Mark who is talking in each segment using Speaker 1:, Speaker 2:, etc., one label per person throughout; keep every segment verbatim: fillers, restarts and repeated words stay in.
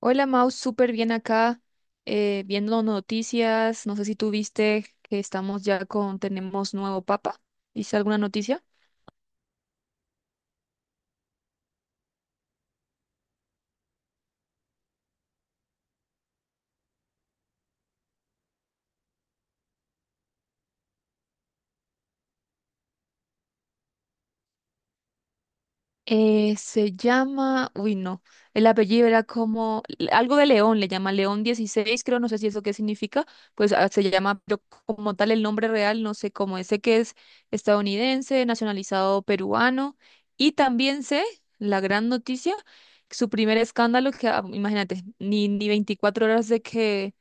Speaker 1: Hola Mau, súper bien acá, eh, viendo noticias. No sé si tú viste que estamos ya con, tenemos nuevo papa. ¿Viste alguna noticia? Eh, se llama, uy no, el apellido era como algo de León, le llama León dieciséis creo, no sé si eso qué significa, pues ah, se llama, pero como tal el nombre real, no sé cómo es, sé que es estadounidense, nacionalizado peruano, y también sé, la gran noticia, su primer escándalo, que ah, imagínate, ni, ni veinticuatro horas de que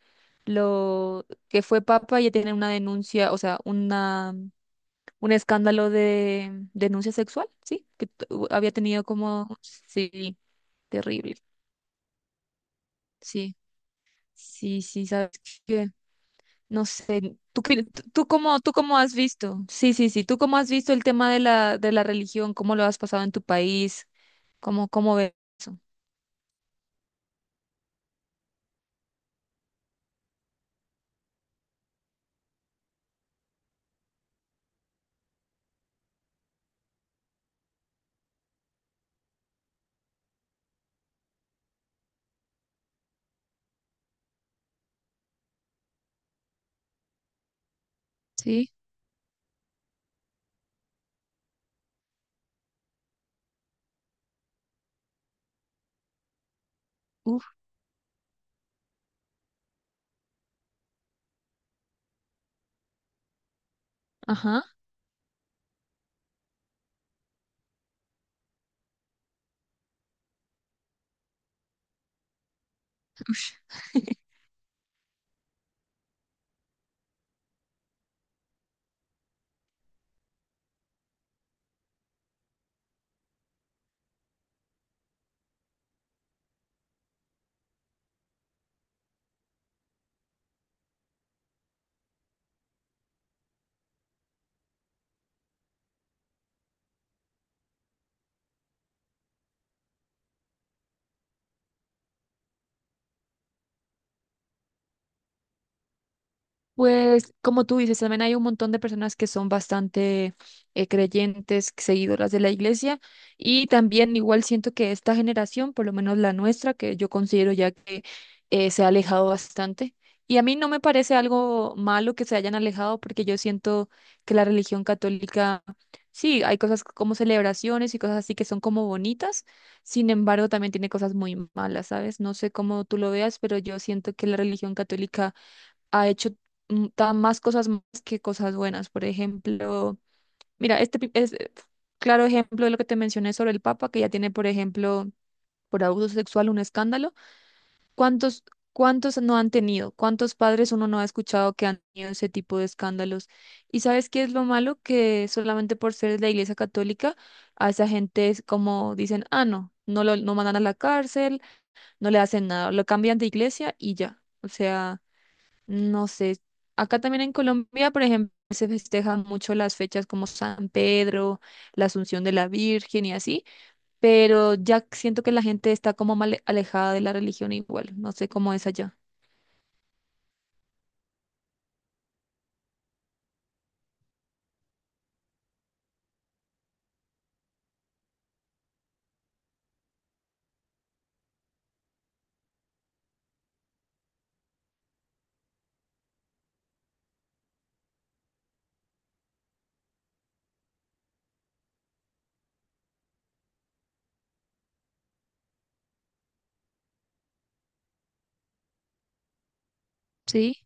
Speaker 1: lo que fue papa ya tiene una denuncia, o sea, una un escándalo de denuncia sexual, ¿sí? Que t- u- había tenido como, sí, terrible. Sí, sí, sí, sabes que, no sé, tú, qué- tú tú cómo, tú cómo has visto, sí, sí, sí, tú cómo has visto el tema de la, de la religión, cómo lo has pasado en tu país, cómo, cómo ves eso, sí, uff, ajá. Pues como tú dices, también hay un montón de personas que son bastante eh, creyentes, seguidoras de la iglesia y también igual siento que esta generación, por lo menos la nuestra, que yo considero ya que eh, se ha alejado bastante. Y a mí no me parece algo malo que se hayan alejado porque yo siento que la religión católica, sí, hay cosas como celebraciones y cosas así que son como bonitas, sin embargo también tiene cosas muy malas, ¿sabes? No sé cómo tú lo veas, pero yo siento que la religión católica ha hecho mm, tan más cosas más que cosas buenas. Por ejemplo, mira, este pi- es eh, claro ejemplo de lo que te mencioné sobre el Papa, que ya tiene, por ejemplo, por abuso sexual un escándalo. ¿Cuántos, cuántos no han tenido? ¿Cuántos padres uno no ha escuchado que han tenido ese tipo de escándalos? ¿Y sabes qué es lo malo? Que solamente por ser de la Iglesia Católica, a esa gente es como dicen, ah, no, no lo no mandan a la cárcel, no le hacen nada, lo cambian de iglesia y ya. O sea, no sé, acá también en Colombia, por ejemplo, se festejan mucho las fechas como San Pedro, la Asunción de la Virgen y así, pero ya siento que la gente está como mal alejada de la religión igual, no sé cómo es allá. Sí,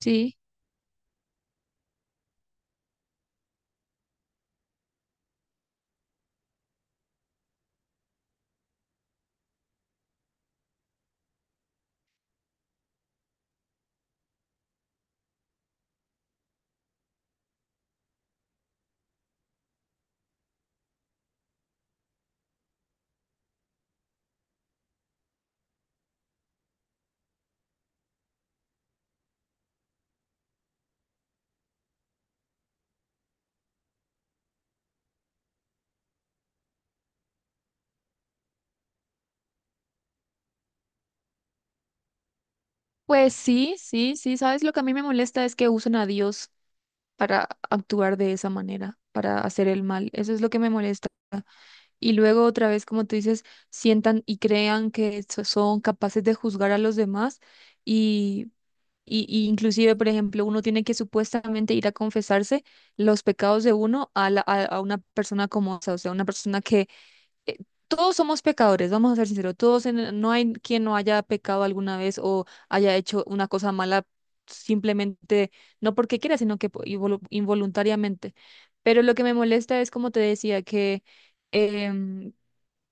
Speaker 1: sí, pues sí, sí, sí, sabes, lo que a mí me molesta es que usan a Dios para actuar de esa manera, para hacer el mal, eso es lo que me molesta. Y luego otra vez, como tú dices, sientan y crean que so- son capaces de juzgar a los demás. Y Y, y inclusive, por ejemplo, uno tiene que supuestamente ir a confesarse los pecados de uno a, la- a, a una persona como esa, o sea, una persona que eh, todos somos pecadores, vamos a ser sinceros, todos en- no hay quien no haya pecado alguna vez o haya hecho una cosa mala simplemente, no porque quiera, sino que po- involu- involuntariamente. Pero lo que me molesta es, como te decía, que em,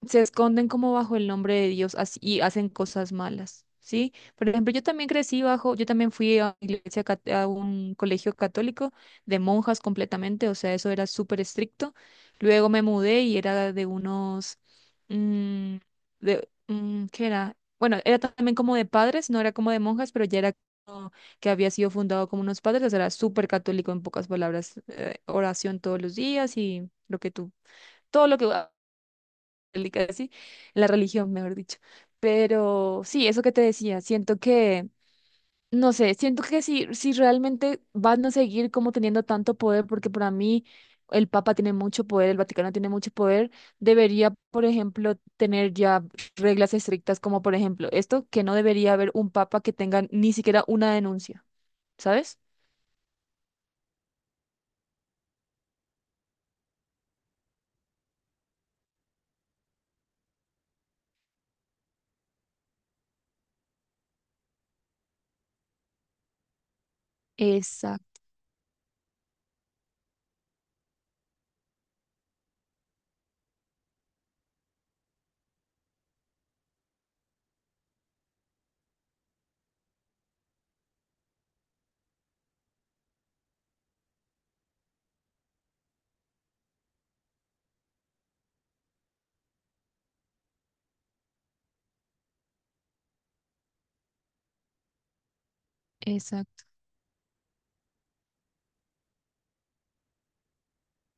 Speaker 1: se esconden como bajo el nombre de Dios así y hacen cosas malas, ¿sí? Por ejemplo, yo también crecí bajo, yo también fui a, iglesia, cat- a un colegio católico de monjas completamente, o sea, eso era súper estricto. Luego me mudé y era de unos, mm, de, mm, ¿qué era? Bueno, era también como de padres, no era como de monjas, pero ya era como que había sido fundado como unos padres, o sea, era súper católico en pocas palabras, eh, oración todos los días y lo que tú, todo lo que católica, sí, en la religión, mejor dicho. Pero sí, eso que te decía, siento que, no sé, siento que si, si realmente van a seguir como teniendo tanto poder, porque para mí el Papa tiene mucho poder, el Vaticano tiene mucho poder, debería, por ejemplo, tener ya reglas estrictas como, por ejemplo, esto, que no debería haber un Papa que tenga ni siquiera una denuncia, ¿sabes? Exacto, exacto,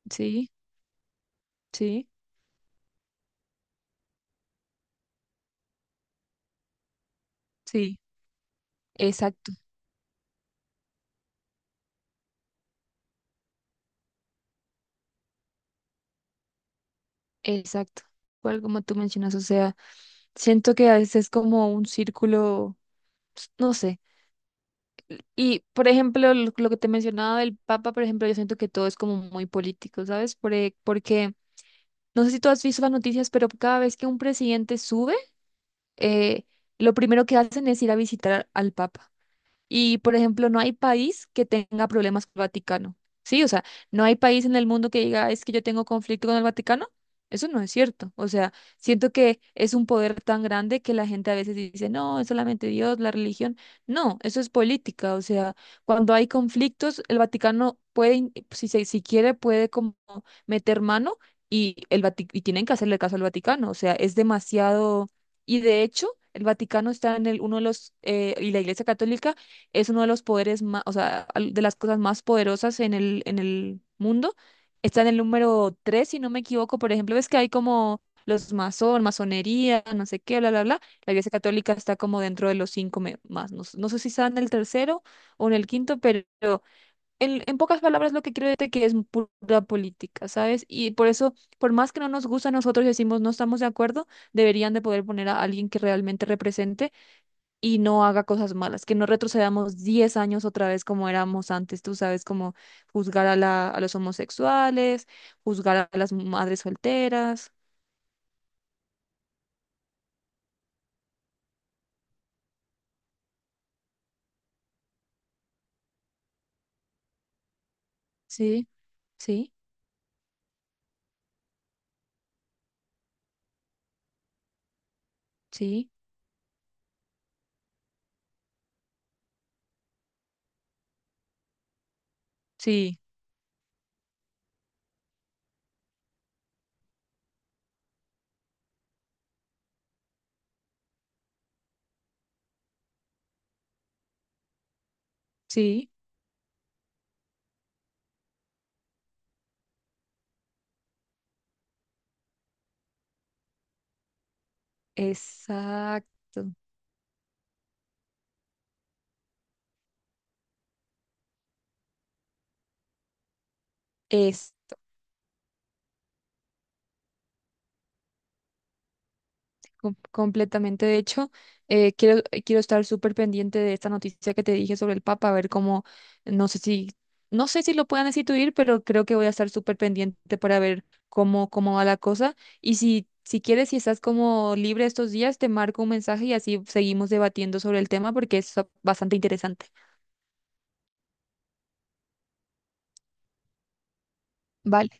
Speaker 1: sí, sí, sí, exacto, exacto. Cual como tú mencionas, o sea, siento que a veces es como un círculo, pues, no sé. Y, por ejemplo, lo, lo que te mencionaba del Papa, por ejemplo, yo siento que todo es como muy político, ¿sabes? Por e- porque, no sé si tú has visto las noticias, pero cada vez que un presidente sube, eh, lo primero que hacen es ir a visitar al Papa. Y, por ejemplo, no hay país que tenga problemas con el Vaticano. Sí, o sea, no hay país en el mundo que diga, es que yo tengo conflicto con el Vaticano. Eso no es cierto. O sea, siento que es un poder tan grande que la gente a veces dice, no, es solamente Dios, la religión. No, eso es política. O sea, cuando hay conflictos, el Vaticano puede, in- si, se- si quiere, puede como meter mano y, el Vati- y tienen que hacerle caso al Vaticano. O sea, es demasiado. Y de hecho, el Vaticano está en el, uno de los, eh, y la Iglesia Católica es uno de los poderes más, o sea, al- de las cosas más poderosas en el, en el mundo. Está en el número tres si no me equivoco. Por ejemplo, ves que hay como los masón, masonería, no sé qué, bla, bla, bla. La Iglesia Católica está como dentro de los cinco me- más. No, s- no sé si está en el tercero o en el quinto, pero en, en pocas palabras lo que quiero decirte que es pura política, ¿sabes? Y por eso, por más que no nos gusta a nosotros y decimos no estamos de acuerdo, deberían de poder poner a alguien que realmente represente y no haga cosas malas, que no retrocedamos diez años otra vez como éramos antes, tú sabes, como juzgar a la, a los homosexuales, juzgar a las madres solteras. Sí, sí, sí, sí, sí, exacto. Com- completamente. De hecho, eh, quiero, quiero estar súper pendiente de esta noticia que te dije sobre el Papa, a ver cómo, no sé si, no sé si lo puedan destituir, pero creo que voy a estar súper pendiente para ver cómo, cómo va la cosa. Y si, si quieres, si estás como libre estos días, te marco un mensaje y así seguimos debatiendo sobre el tema porque es bastante interesante. Vale,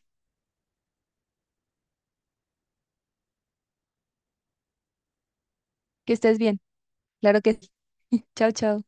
Speaker 1: que estés bien. Claro que sí. Chao, chao.